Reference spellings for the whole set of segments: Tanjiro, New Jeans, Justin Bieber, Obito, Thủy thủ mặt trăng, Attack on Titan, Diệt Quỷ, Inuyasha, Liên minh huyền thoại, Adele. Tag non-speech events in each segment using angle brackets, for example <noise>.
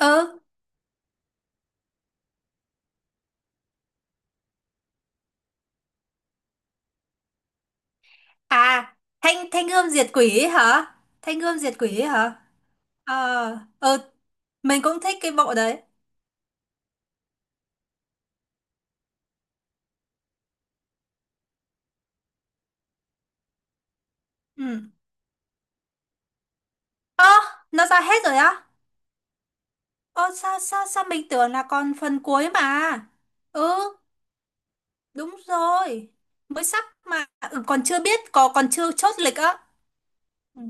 Ừ. À, thanh thanh gươm diệt quỷ ấy hả? Thanh gươm diệt quỷ ấy hả? Ờ. Ừ, mình cũng thích cái bộ đấy. Ừ. Ơ, nó ra hết rồi á? Ơ, sao sao sao mình tưởng là còn phần cuối mà. Ừ, đúng rồi, mới sắp mà. Ừ, còn chưa biết, có còn chưa chốt lịch á. Ừ.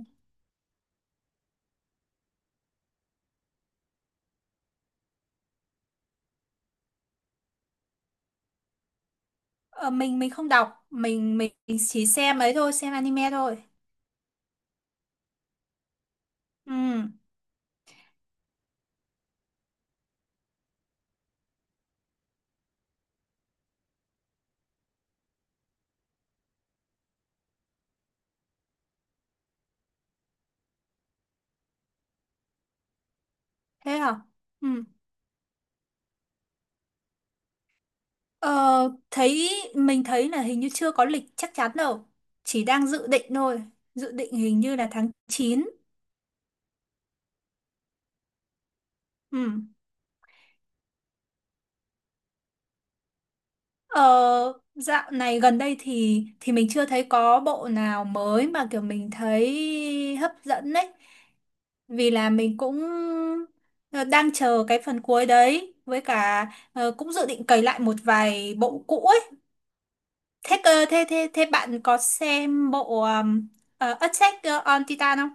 Ờ, mình không đọc, mình chỉ xem ấy thôi, xem anime thôi. Ừ. Thế hả? Ừ. Ờ, mình thấy là hình như chưa có lịch chắc chắn đâu, chỉ đang dự định thôi. Dự định hình như là tháng 9. Ừ. Ờ, dạo này gần đây thì mình chưa thấy có bộ nào mới mà kiểu mình thấy hấp dẫn đấy. Vì là mình cũng, ờ, đang chờ cái phần cuối đấy, với cả cũng dự định cày lại một vài bộ cũ ấy. Thế cơ, thế thế thế bạn có xem bộ, Attack on Titan không?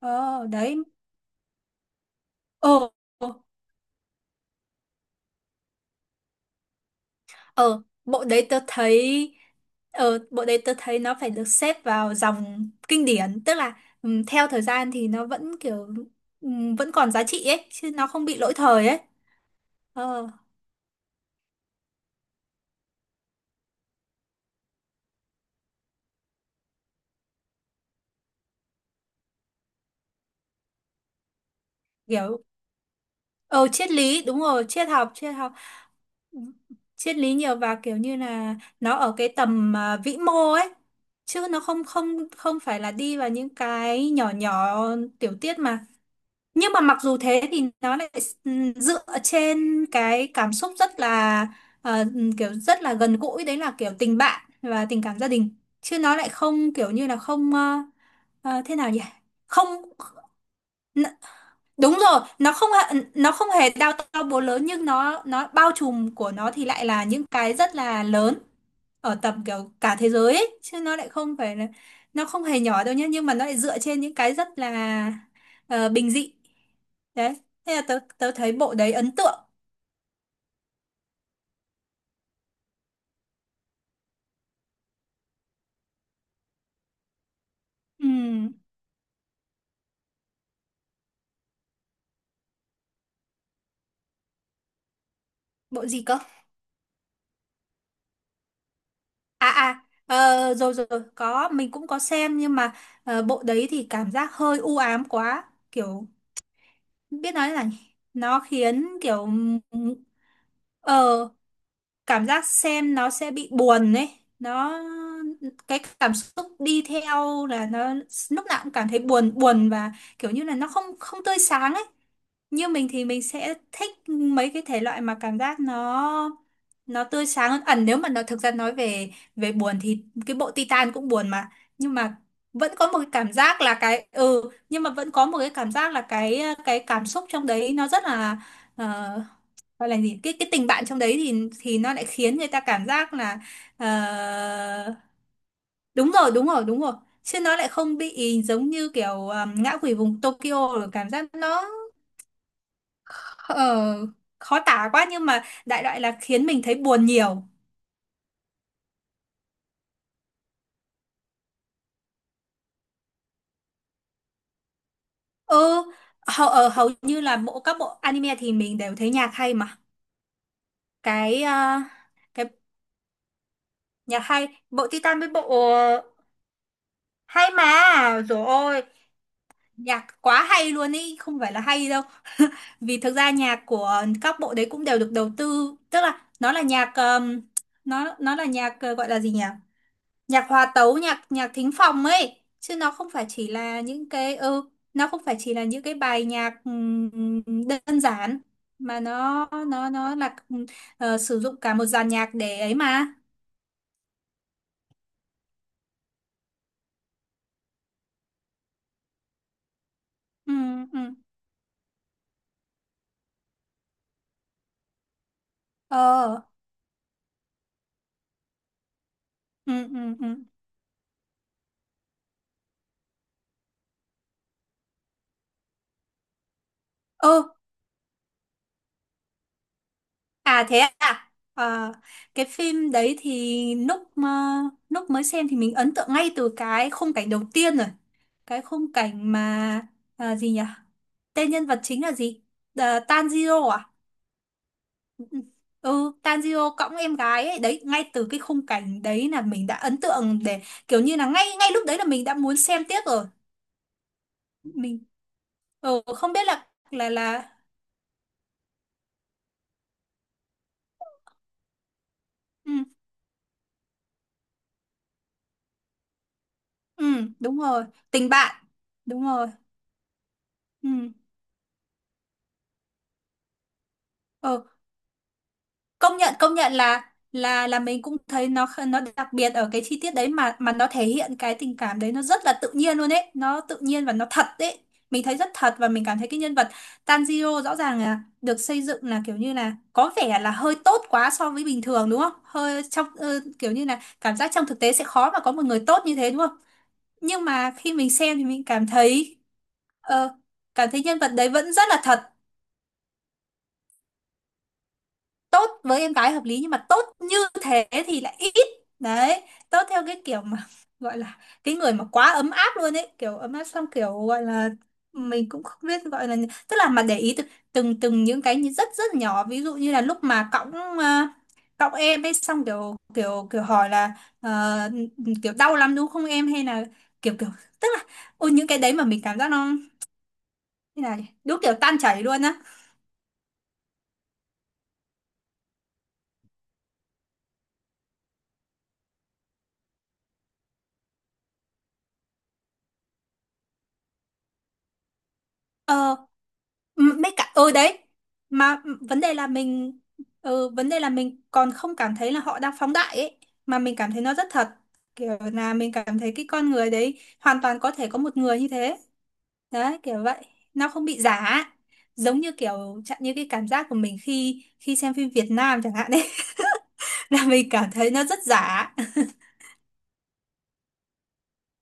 Ờ đấy. Ờ, ờ, bộ đấy tớ thấy nó phải được xếp vào dòng kinh điển, tức là, theo thời gian thì nó vẫn kiểu, vẫn còn giá trị ấy, chứ nó không bị lỗi thời ấy. Ờ, kiểu. Ờ, triết lý, đúng rồi, triết học, triết học. Ừm, triết lý nhiều và kiểu như là nó ở cái tầm, à, vĩ mô ấy, chứ nó không không không phải là đi vào những cái nhỏ nhỏ tiểu tiết mà. Nhưng mà mặc dù thế thì nó lại dựa trên cái cảm xúc rất là, kiểu rất là gần gũi, đấy là kiểu tình bạn và tình cảm gia đình, chứ nó lại không kiểu như là không. Ờ, Thế nào nhỉ? Không. n- Đúng rồi, nó không hề đao to búa lớn nhưng nó bao trùm của nó thì lại là những cái rất là lớn, ở tầm kiểu cả thế giới ấy, chứ nó lại không phải là. Nó không hề nhỏ đâu nhé, nhưng mà nó lại dựa trên những cái rất là, bình dị. Đấy, thế là tớ thấy bộ đấy ấn tượng. Ừm, Bộ gì cơ? À à, ờ, rồi rồi, rồi, có, mình cũng có xem nhưng mà, bộ đấy thì cảm giác hơi u ám quá. Kiểu, biết nói là nhỉ? Nó khiến kiểu, ờ, cảm giác xem nó sẽ bị buồn ấy. Nó, cái cảm xúc đi theo là nó lúc nào cũng cảm thấy buồn, buồn và kiểu như là nó không không tươi sáng ấy. Như mình thì mình sẽ thích mấy cái thể loại mà cảm giác nó tươi sáng hơn ẩn, nếu mà nó thực ra nói về về buồn thì cái bộ Titan cũng buồn mà, nhưng mà vẫn có một cái cảm giác là cái, nhưng mà vẫn có một cái cảm giác là cái cảm xúc trong đấy nó rất là, ờ, gọi là gì, cái tình bạn trong đấy thì nó lại khiến người ta cảm giác là, ờ, đúng rồi, đúng rồi, đúng rồi, chứ nó lại không bị giống như kiểu, ngã quỷ vùng Tokyo rồi cảm giác nó, Ờ, khó tả quá nhưng mà đại loại là khiến mình thấy buồn nhiều. Ừ, hầu như là mỗi các bộ anime thì mình đều thấy nhạc hay mà. Cái, à, cái nhạc hay, bộ Titan với bộ, ờ, hay mà. Rồi ôi, nhạc quá hay luôn ý, không phải là hay đâu. <laughs> Vì thực ra nhạc của các bộ đấy cũng đều được đầu tư, tức là nó là nhạc, nó là nhạc, gọi là gì nhỉ? Nhạc hòa tấu, nhạc nhạc thính phòng ấy, chứ nó không phải chỉ là những cái ừ nó không phải chỉ là những cái bài nhạc, đơn giản, mà nó là, sử dụng cả một dàn nhạc để ấy mà. Ừ, ừ. Ờ. Ừ, ừ, ừ. Ơ. À, thế à? Ờ, cái phim đấy thì lúc mới xem thì mình ấn tượng ngay từ cái khung cảnh đầu tiên rồi, cái khung cảnh mà, à, gì nhỉ, tên nhân vật chính là gì? Ờ, Tanjiro à? Ừ, Tanjiro cõng em gái ấy, đấy, ngay từ cái khung cảnh đấy là mình đã ấn tượng, để kiểu như là ngay ngay lúc đấy là mình đã muốn xem tiếp rồi. Mình, ừ, không biết là, là. Ừ, ừ, đúng rồi, tình bạn. Đúng rồi. Ừ. Ừ. Công nhận, công nhận là, mình cũng thấy nó, nó đặc biệt ở cái chi tiết đấy mà, nó thể hiện cái tình cảm đấy nó rất là tự nhiên luôn ấy, nó tự nhiên và nó thật đấy. Mình thấy rất thật và mình cảm thấy cái nhân vật Tanjiro rõ ràng là được xây dựng là kiểu như là có vẻ là hơi tốt quá so với bình thường, đúng không? Hơi trong, kiểu như là cảm giác trong thực tế sẽ khó mà có một người tốt như thế, đúng không? Nhưng mà khi mình xem thì mình cảm thấy, ờ, cảm thấy nhân vật đấy vẫn rất là thật. Tốt với em gái hợp lý, nhưng mà tốt như thế thì lại ít. Đấy, tốt theo cái kiểu mà <laughs> gọi là cái người mà quá ấm áp luôn ấy, kiểu ấm áp xong kiểu gọi là, mình cũng không biết gọi là, tức là mà để ý từng từng những cái như rất rất nhỏ, ví dụ như là lúc mà cõng, à, cõng em ấy xong kiểu, kiểu hỏi là, ờ, kiểu đau lắm đúng không em, hay là kiểu, tức là, ôi những cái đấy mà mình cảm giác nó như là đúng kiểu tan chảy luôn á. Ờ. Ừ, mấy cả ừ đấy. Mà, ừ, vấn đề là mình còn không cảm thấy là họ đang phóng đại ấy, mà mình cảm thấy nó rất thật, kiểu là mình cảm thấy cái con người đấy hoàn toàn có thể có một người như thế, đấy kiểu vậy. Nó không bị giả, giống như kiểu chẳng như cái cảm giác của mình khi khi xem phim Việt Nam chẳng hạn đấy, <laughs> là mình cảm thấy nó rất giả.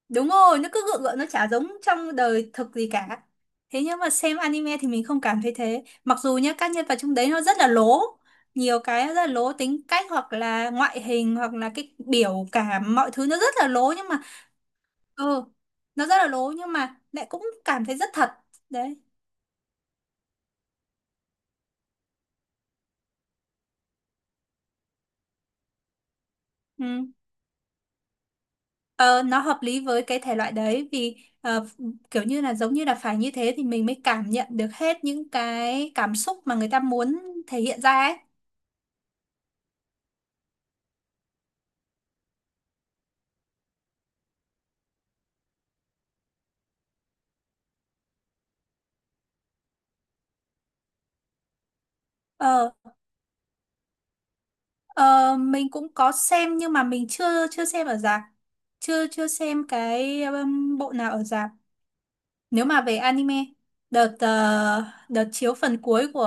Đúng rồi, nó cứ gượng gượng, nó chả giống trong đời thực gì cả. Thế nhưng mà xem anime thì mình không cảm thấy thế. Mặc dù nhá, các nhân vật trong đấy nó rất là lố. Nhiều cái rất là lố, tính cách hoặc là ngoại hình hoặc là cái biểu cảm, mọi thứ nó rất là lố nhưng mà, ừ, nó rất là lố nhưng mà lại cũng cảm thấy rất thật. Đấy. Ừ. Ờ, nó hợp lý với cái thể loại đấy vì, ờ, kiểu như là giống như là phải như thế thì mình mới cảm nhận được hết những cái cảm xúc mà người ta muốn thể hiện ra ấy. Ờ. Ờ, mình cũng có xem nhưng mà mình chưa chưa xem ở rạp, chưa chưa xem cái, bộ nào ở rạp. Nếu mà về anime, đợt ờ, đợt chiếu phần cuối của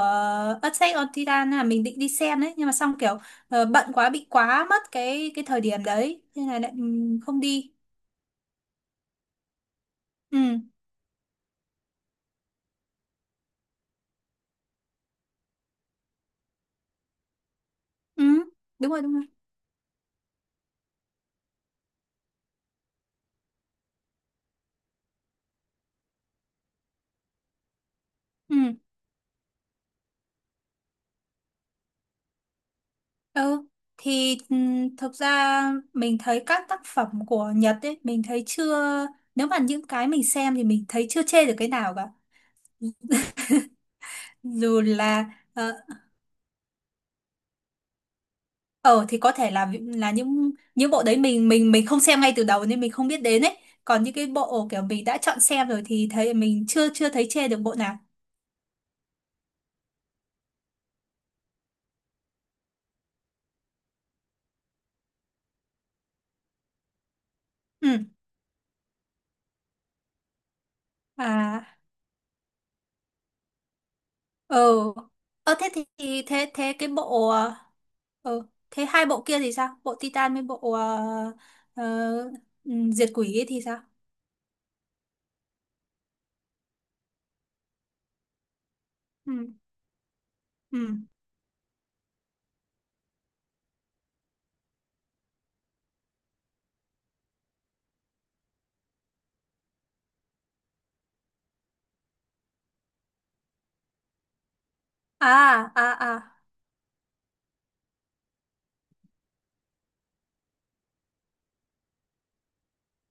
Attack on Titan là mình định đi xem đấy, nhưng mà xong kiểu, bận quá bị quá mất cái thời điểm đấy nên là lại, không đi. Ừ, ừ, đúng rồi, đúng rồi. Ừ, ừ. Thì, thực ra mình thấy các tác phẩm của Nhật ấy, mình thấy chưa, nếu mà những cái mình xem thì mình thấy chưa chê được cái nào cả, dù là ờ. Ờ, thì có thể là những bộ đấy mình không xem ngay từ đầu nên mình không biết đến ấy, còn những cái bộ kiểu mình đã chọn xem rồi thì thấy mình chưa chưa thấy chê được bộ nào. Ừ. À. Ờ, ờ, thế thì thế thế cái bộ, ờ, thế hai bộ kia thì sao, bộ Titan với bộ, ờ, Diệt Quỷ ấy thì sao? Ừ, ừ. À, à, à,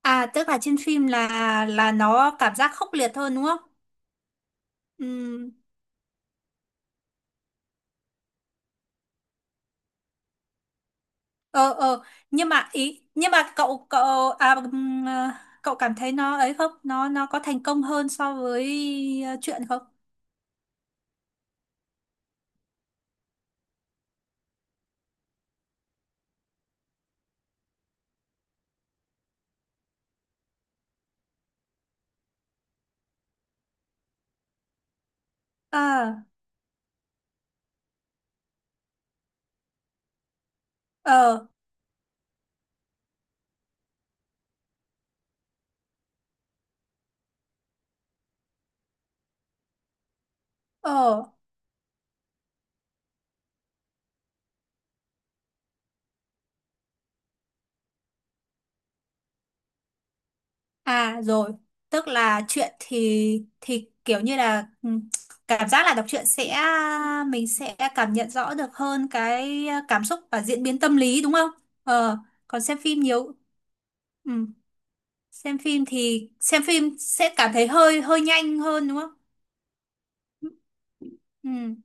à, tức là trên phim là nó cảm giác khốc liệt hơn đúng không? Ừ. Ờ, ờ, nhưng mà ý, nhưng mà cậu cậu à, à, cậu cảm thấy nó ấy không nó có thành công hơn so với, chuyện không? À. Ờ, ờ. À, rồi, tức là chuyện thì kiểu như là, cảm giác là đọc truyện sẽ, mình sẽ cảm nhận rõ được hơn cái, cảm xúc và diễn biến tâm lý, đúng không? Ờ. Còn xem phim nhiều. Ừ. Xem phim thì xem phim sẽ cảm thấy hơi hơi nhanh hơn đúng không? Ừ,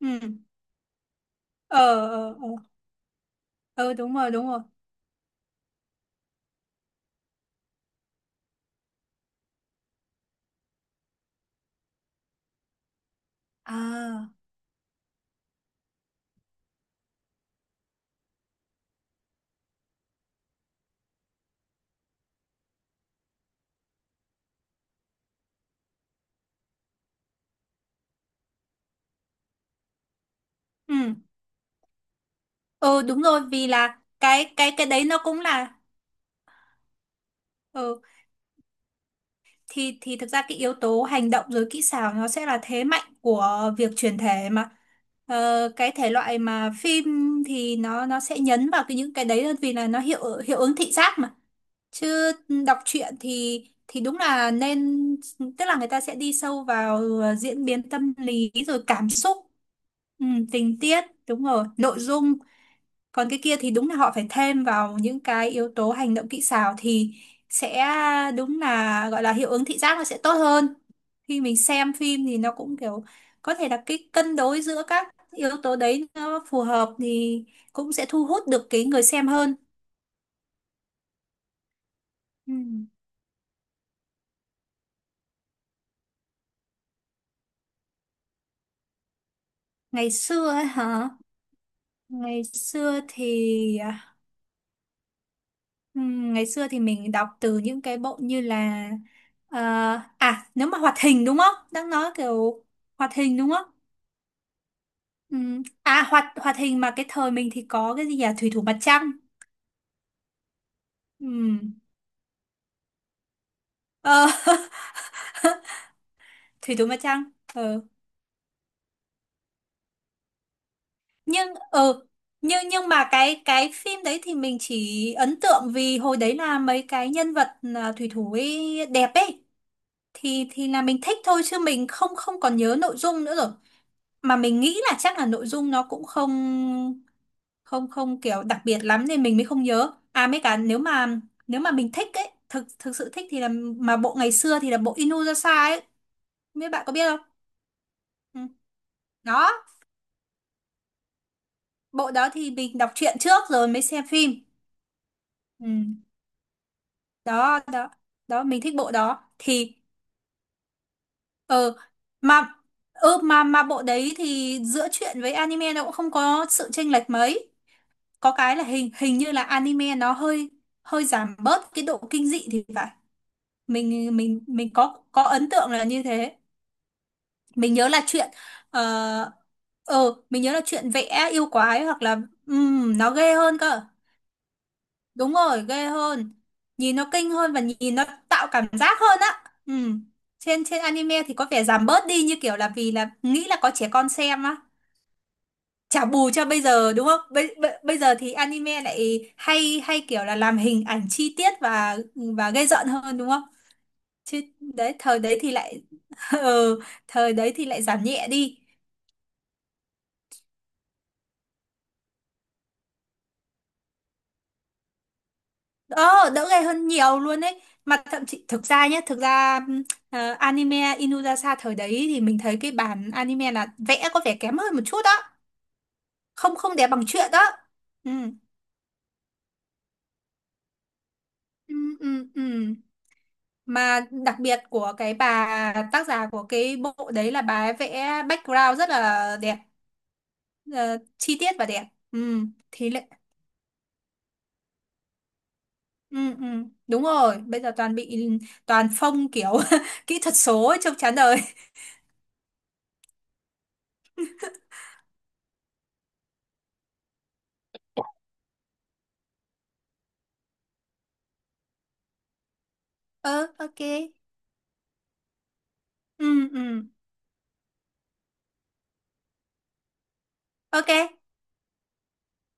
ừ, ờ, ờ, ờ. Ờ, đúng rồi, đúng rồi. À, ừ, ừ, đúng rồi, vì là cái đấy nó cũng là ừ thì thực ra cái yếu tố hành động rồi kỹ xảo nó sẽ là thế mạnh của việc chuyển thể mà. Ờ, cái thể loại mà phim thì nó sẽ nhấn vào những cái đấy hơn, vì là nó hiệu hiệu ứng thị giác mà. Chứ đọc truyện thì đúng là nên, tức là người ta sẽ đi sâu vào ờ, diễn biến tâm lý rồi cảm xúc. Ừ, tình tiết, đúng rồi, nội dung. Còn cái kia thì đúng là họ phải thêm vào những cái yếu tố hành động kỹ xảo thì sẽ đúng là gọi là hiệu ứng thị giác nó sẽ tốt hơn. Khi mình xem phim thì nó cũng kiểu có thể là cái cân đối giữa các yếu tố đấy nó phù hợp thì cũng sẽ thu hút được cái người xem hơn. Ừ. Ngày xưa ấy hả? Ngày xưa thì à, ngày xưa thì mình đọc từ những cái bộ như là ờ, à, nếu mà hoạt hình đúng không? Đang nói kiểu hoạt hình đúng không? À, hoạt hoạt hình mà cái thời mình thì có cái gì nhỉ? Thủy thủ mặt trăng. Ừm, Ờ, <laughs> Thủy thủ mặt trăng. Ờ. Nhưng ờ, nhưng mà cái phim đấy thì mình chỉ ấn tượng vì hồi đấy là mấy cái nhân vật à, thủy thủ ấy đẹp ấy, thì là mình thích thôi, chứ mình không không còn nhớ nội dung nữa rồi. Mà mình nghĩ là chắc là nội dung nó cũng không, không kiểu đặc biệt lắm nên mình mới không nhớ, à mấy cả nếu mà mình thích ấy, thực thực sự thích thì là mà bộ ngày xưa thì là bộ Inuyasha ấy, mấy bạn có biết không? Ừ. Đó, bộ đó thì mình đọc truyện trước rồi mới xem phim. Ừ. Đó, đó, đó, mình thích bộ đó thì ờ mà ừ, mà bộ đấy thì giữa truyện với anime nó cũng không có sự chênh lệch mấy. Có cái là hình hình như là anime nó hơi hơi giảm bớt cái độ kinh dị thì phải. Mình có ấn tượng là như thế. Mình nhớ là chuyện ờ, ờ, mình nhớ là chuyện vẽ yêu quái hoặc là nó ghê hơn cơ, đúng rồi, ghê hơn, nhìn nó kinh hơn và nhìn nó tạo cảm giác hơn á. Ừm. trên trên anime thì có vẻ giảm bớt đi, như kiểu là vì là nghĩ là có trẻ con xem á. Chả bù cho bây giờ đúng không? Bây giờ thì anime lại hay hay kiểu là làm hình ảnh chi tiết và gây giận hơn đúng không? Chứ đấy thời đấy thì lại <laughs> ừ, thời đấy thì lại giảm nhẹ đi. Đó, đỡ ghê hơn nhiều luôn đấy. Mà thậm chí thực ra nhé, thực ra ờ, anime Inuyasha thời đấy thì mình thấy cái bản anime là vẽ có vẻ kém hơn một chút đó, không không đẹp bằng truyện đó. Ừ. Ừ, ừ, ừ. Mà đặc biệt của cái bà tác giả của cái bộ đấy là bà ấy vẽ background rất là đẹp, ờ, chi tiết và đẹp. Ừ, thì lệ, ừ, ừ, đúng rồi, bây giờ toàn bị toàn phông kiểu <laughs> kỹ thuật số ấy, trông chán đời. <laughs> Ừ, ok. Ừ, ừ, ok.